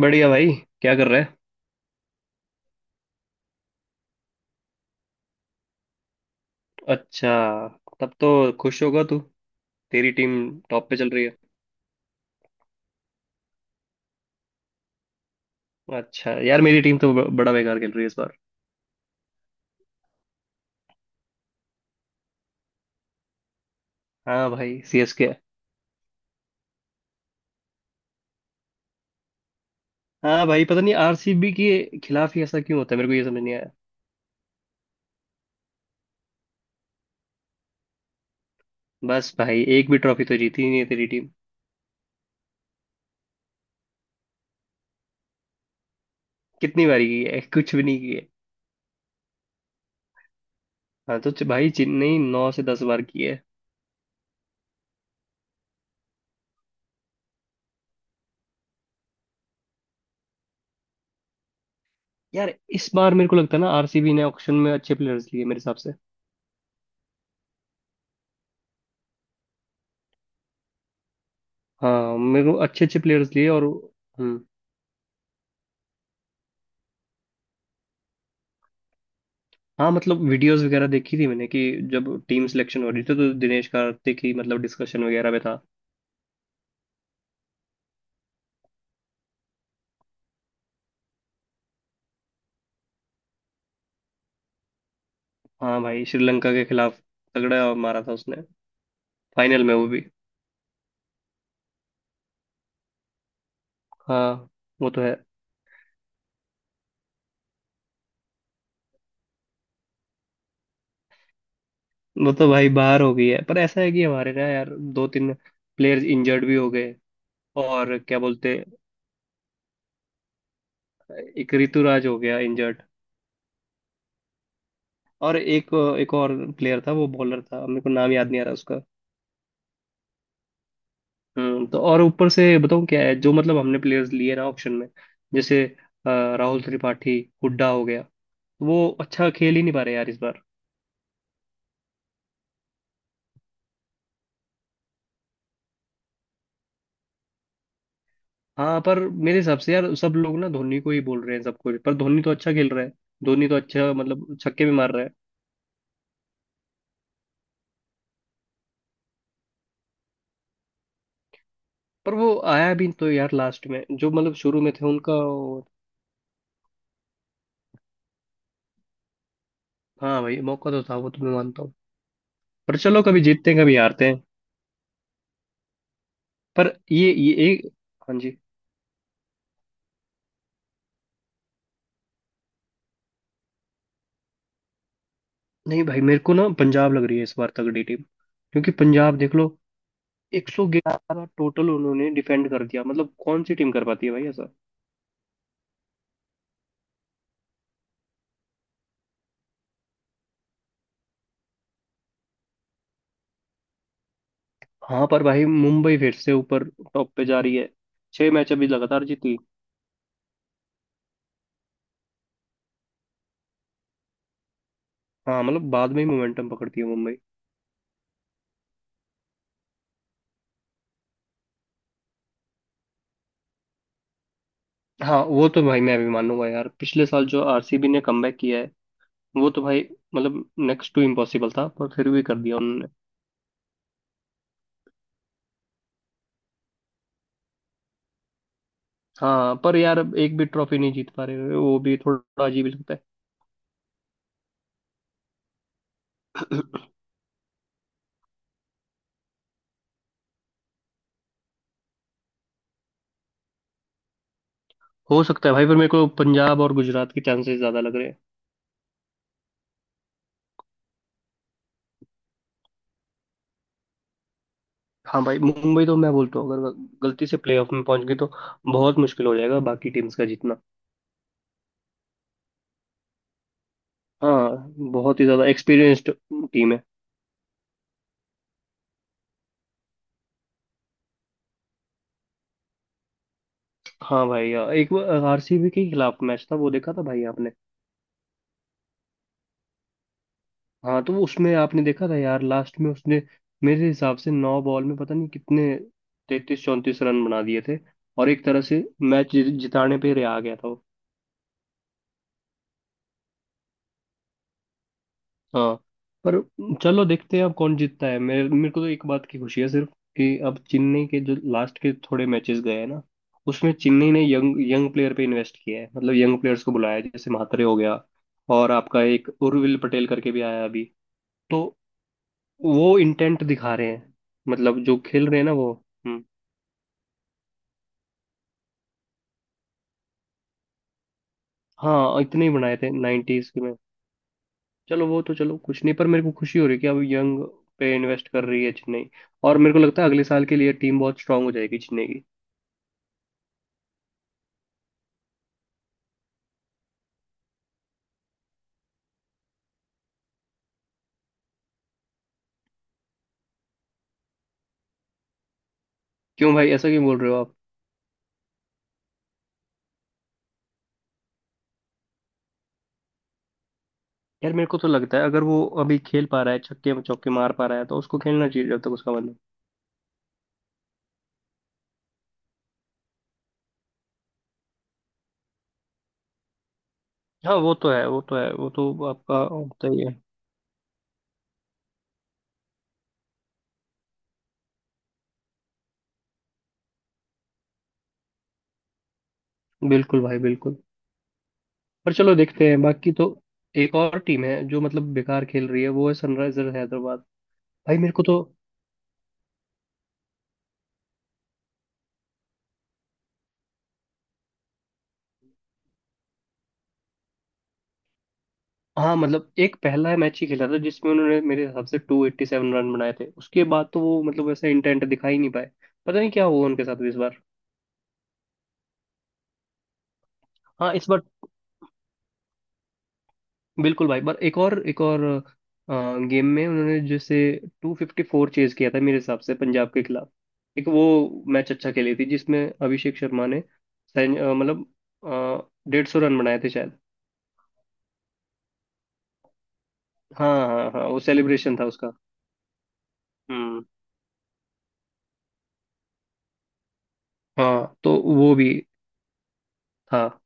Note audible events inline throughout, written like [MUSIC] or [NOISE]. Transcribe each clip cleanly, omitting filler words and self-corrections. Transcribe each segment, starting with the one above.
बढ़िया भाई। क्या कर रहा है। अच्छा। तब तो खुश होगा तू। तेरी टीम टॉप पे चल रही है। अच्छा यार मेरी टीम तो बड़ा बेकार खेल रही है इस बार। हाँ भाई सीएसके। हाँ भाई पता नहीं आरसीबी के खिलाफ ही ऐसा क्यों होता है मेरे को ये समझ नहीं आया। बस भाई एक भी ट्रॉफी तो जीती ही नहीं है तेरी टीम। कितनी बारी की है कुछ भी नहीं की है। हाँ तो भाई चेन्नई 9 से 10 बार की है। यार इस बार मेरे को लगता है ना आरसीबी ने ऑक्शन में अच्छे प्लेयर्स लिए मेरे हिसाब से। हाँ मेरे को अच्छे अच्छे प्लेयर्स लिए और। हम्म। हाँ मतलब वीडियोस वगैरह देखी थी मैंने कि जब टीम सिलेक्शन हो रही थी तो दिनेश कार्तिक ही मतलब डिस्कशन वगैरह में था। हाँ भाई श्रीलंका के खिलाफ तगड़ा मारा था उसने। फाइनल में वो भी। हाँ वो तो है। वो तो भाई बाहर हो गई है पर ऐसा है कि हमारे ना यार दो तीन प्लेयर्स इंजर्ड भी हो गए। और क्या बोलते। एक ऋतुराज हो गया इंजर्ड। और एक एक और प्लेयर था वो बॉलर था मेरे को नाम याद नहीं आ रहा उसका। तो और ऊपर से बताऊं क्या है जो मतलब हमने प्लेयर्स लिए ना ऑप्शन में जैसे अ, राहुल त्रिपाठी हुड्डा हो गया तो वो अच्छा खेल ही नहीं पा रहे यार इस बार। हाँ पर मेरे हिसाब से यार सब लोग ना धोनी को ही बोल रहे हैं सब कुछ पर धोनी तो अच्छा खेल रहा है। धोनी तो अच्छा मतलब छक्के भी मार रहा है। पर वो आया भी तो यार लास्ट में जो मतलब शुरू में थे उनका। हाँ भाई मौका तो था वो तो मैं मानता हूँ। पर चलो कभी जीतते हैं कभी हारते हैं। पर ये एक। हाँ जी। नहीं भाई मेरे को ना पंजाब लग रही है इस बार तगड़ी टीम। क्योंकि पंजाब देख लो 111 टोटल उन्होंने डिफेंड कर दिया मतलब कौन सी टीम कर पाती है भाई ऐसा। हाँ पर भाई मुंबई फिर से ऊपर टॉप पे जा रही है। छह मैच अभी लगातार जीती। हाँ मतलब बाद में ही मोमेंटम पकड़ती है मुंबई। हाँ वो तो भाई मैं भी मानूंगा यार पिछले साल जो आरसीबी ने कमबैक किया है वो तो भाई मतलब नेक्स्ट टू इम्पॉसिबल था पर फिर भी कर दिया उन्होंने। हाँ पर यार अब एक भी ट्रॉफी नहीं जीत पा रहे वो भी थोड़ा अजीब ही लगता है। [COUGHS] [CLEARS THROAT] हो सकता है भाई पर मेरे को पंजाब और गुजरात के चांसेस ज्यादा लग रहे हैं। हाँ भाई मुंबई तो मैं बोलता हूँ अगर गलती से प्लेऑफ में पहुंच गई तो बहुत मुश्किल हो जाएगा बाकी टीम्स का जीतना। हाँ बहुत ही ज्यादा एक्सपीरियंस्ड टीम है। हाँ भाई यार एक बार आरसीबी के खिलाफ मैच था वो देखा था भाई आपने। हाँ तो उसमें आपने देखा था यार लास्ट में उसने मेरे हिसाब से नौ बॉल में पता नहीं कितने 33 34 रन बना दिए थे और एक तरह से मैच जिताने पे रहा गया था वो। हाँ। पर चलो देखते हैं अब कौन जीतता है मेरे मेरे को तो एक बात की खुशी है सिर्फ कि अब चेन्नई के जो लास्ट के थोड़े मैचेस गए हैं ना उसमें चेन्नई ने यंग यंग प्लेयर पे इन्वेस्ट किया है मतलब यंग प्लेयर्स को बुलाया है, जैसे म्हात्रे हो गया और आपका एक उर्विल पटेल करके भी आया अभी। तो वो इंटेंट दिखा रहे हैं मतलब जो खेल रहे हैं ना वो। हम्म। हाँ इतने ही बनाए थे नाइन्टीज के में। चलो वो तो चलो कुछ नहीं पर मेरे को खुशी हो रही है कि अब यंग पे इन्वेस्ट कर रही है चेन्नई। और मेरे को लगता है अगले साल के लिए टीम बहुत स्ट्रांग हो जाएगी चेन्नई की। क्यों भाई ऐसा क्यों बोल रहे हो आप। यार मेरे को तो लगता है अगर वो अभी खेल पा रहा है छक्के चौके मार पा रहा है तो उसको खेलना चाहिए जब तक उसका मन हो। हाँ वो तो है वो तो है वो तो आपका होता ही है। बिल्कुल भाई बिल्कुल। पर चलो देखते हैं बाकी तो। एक और टीम है जो मतलब बेकार खेल रही है वो है सनराइजर हैदराबाद। भाई मेरे को तो। हाँ मतलब एक पहला मैच ही खेला था जिसमें उन्होंने मेरे हिसाब से 287 रन बनाए थे उसके बाद तो वो मतलब वैसा इंटेंट दिखा ही नहीं पाए। पता नहीं क्या हुआ उनके साथ इस बार। हाँ इस बार बिल्कुल भाई पर एक और गेम में उन्होंने जैसे 254 चेज किया था मेरे हिसाब से पंजाब के खिलाफ। एक वो मैच अच्छा खेली थी जिसमें अभिषेक शर्मा ने मतलब 150 रन बनाए थे शायद। हाँ हाँ हाँ वो सेलिब्रेशन था उसका। हम्म। हाँ तो वो भी था।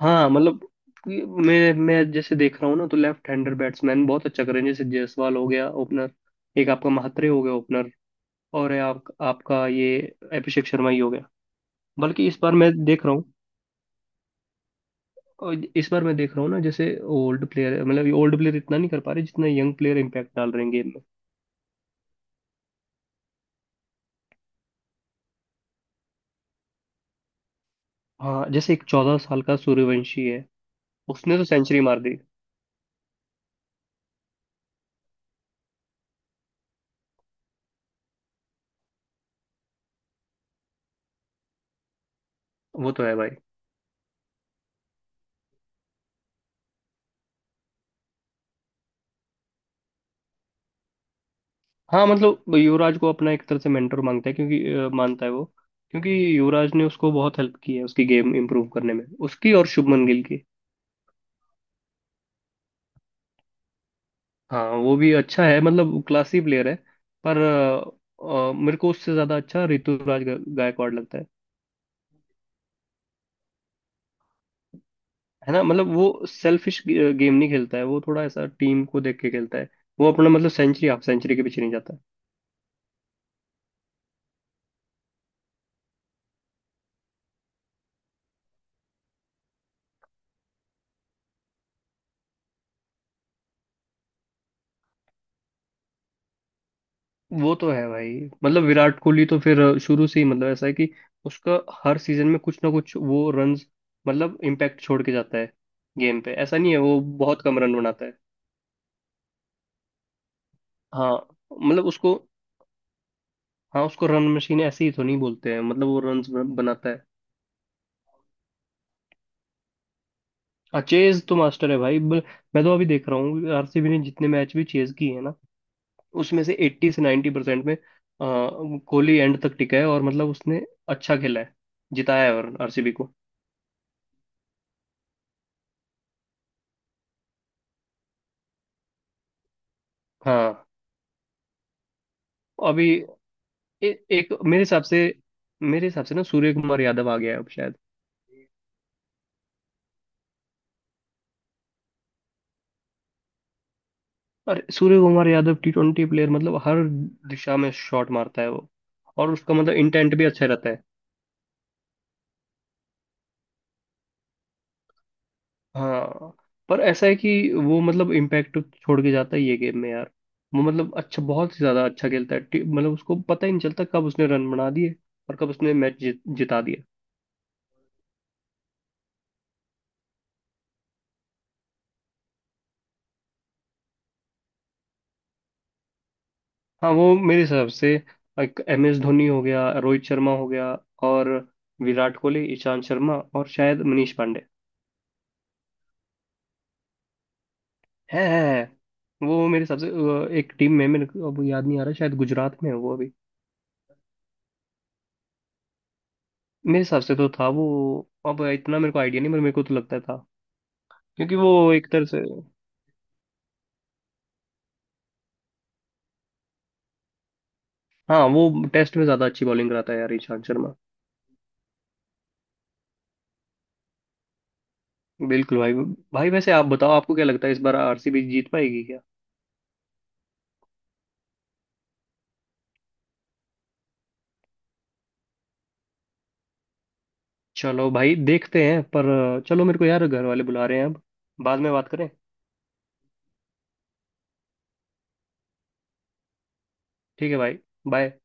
हाँ मतलब कि मैं जैसे देख रहा हूँ ना तो लेफ्ट हैंडर बैट्समैन बहुत अच्छा कर रहे हैं जैसे जायसवाल हो गया ओपनर। एक आपका महात्रे हो गया ओपनर। और है आपका ये अभिषेक शर्मा ही हो गया। बल्कि इस बार मैं देख रहा हूँ। और इस बार मैं देख रहा हूँ ना जैसे ओल्ड प्लेयर मतलब ओल्ड प्लेयर इतना नहीं कर पा रहे जितना यंग प्लेयर इम्पैक्ट डाल रहे हैं गेम में। हाँ जैसे एक 14 साल का सूर्यवंशी है। उसने तो सेंचुरी मार दी। वो तो है भाई। हाँ मतलब युवराज को अपना एक तरह से मेंटर मांगता है क्योंकि मानता है वो क्योंकि युवराज ने उसको बहुत हेल्प की है उसकी गेम इंप्रूव करने में उसकी और शुभमन गिल की। हाँ वो भी अच्छा है मतलब क्लासी प्लेयर है। पर मेरे को उससे ज्यादा अच्छा ऋतुराज गायकवाड़ लगता है। है ना मतलब वो सेल्फिश गेम नहीं खेलता है वो थोड़ा ऐसा टीम को देख के खेलता है। वो अपना मतलब सेंचुरी हाफ सेंचुरी के पीछे नहीं जाता है। वो तो है भाई मतलब विराट कोहली तो फिर शुरू से ही मतलब ऐसा है कि उसका हर सीजन में कुछ ना कुछ वो रन मतलब इम्पैक्ट छोड़ के जाता है गेम पे ऐसा नहीं है वो बहुत कम रन बनाता है। हाँ मतलब उसको। हाँ उसको रन मशीन ऐसे ही तो नहीं बोलते हैं मतलब वो रन बनाता है। हाँ चेज तो मास्टर है भाई। मैं तो अभी देख रहा हूँ आरसीबी ने जितने मैच भी चेज किए हैं ना उसमें से 80 से 90% में कोहली एंड तक टिका है और मतलब उसने अच्छा खेला है। जिताया है और आरसीबी को। हाँ अभी एक मेरे हिसाब से ना सूर्य कुमार यादव आ गया है अब शायद। और Suryakumar Yadav T20 player मतलब हर दिशा में शॉट मारता है वो। और उसका मतलब इंटेंट भी अच्छा रहता है। हाँ पर ऐसा है कि वो मतलब इम्पैक्ट छोड़ के जाता है ये गेम में यार। वो मतलब अच्छा बहुत ही ज्यादा अच्छा खेलता है मतलब उसको पता ही नहीं चलता कब उसने रन बना दिए। और कब उसने मैच जिता दिया। हाँ वो मेरे हिसाब से एमएस धोनी हो गया रोहित शर्मा हो गया और विराट कोहली ईशांत शर्मा और शायद मनीष पांडे। है, है। वो मेरे हिसाब से एक टीम में मेरे को अब याद नहीं आ रहा शायद गुजरात में है वो अभी। मेरे हिसाब से तो था वो। अब इतना मेरे को आइडिया नहीं पर मेरे को तो लगता था क्योंकि वो एक तरह से। हाँ वो टेस्ट में ज्यादा अच्छी बॉलिंग कराता है यार ईशांत शर्मा। बिल्कुल भाई। भाई वैसे आप बताओ आपको क्या लगता है इस बार आरसीबी जीत पाएगी क्या। चलो भाई देखते हैं पर चलो मेरे को यार घर वाले बुला रहे हैं अब बाद में बात करें। ठीक है भाई। बाय।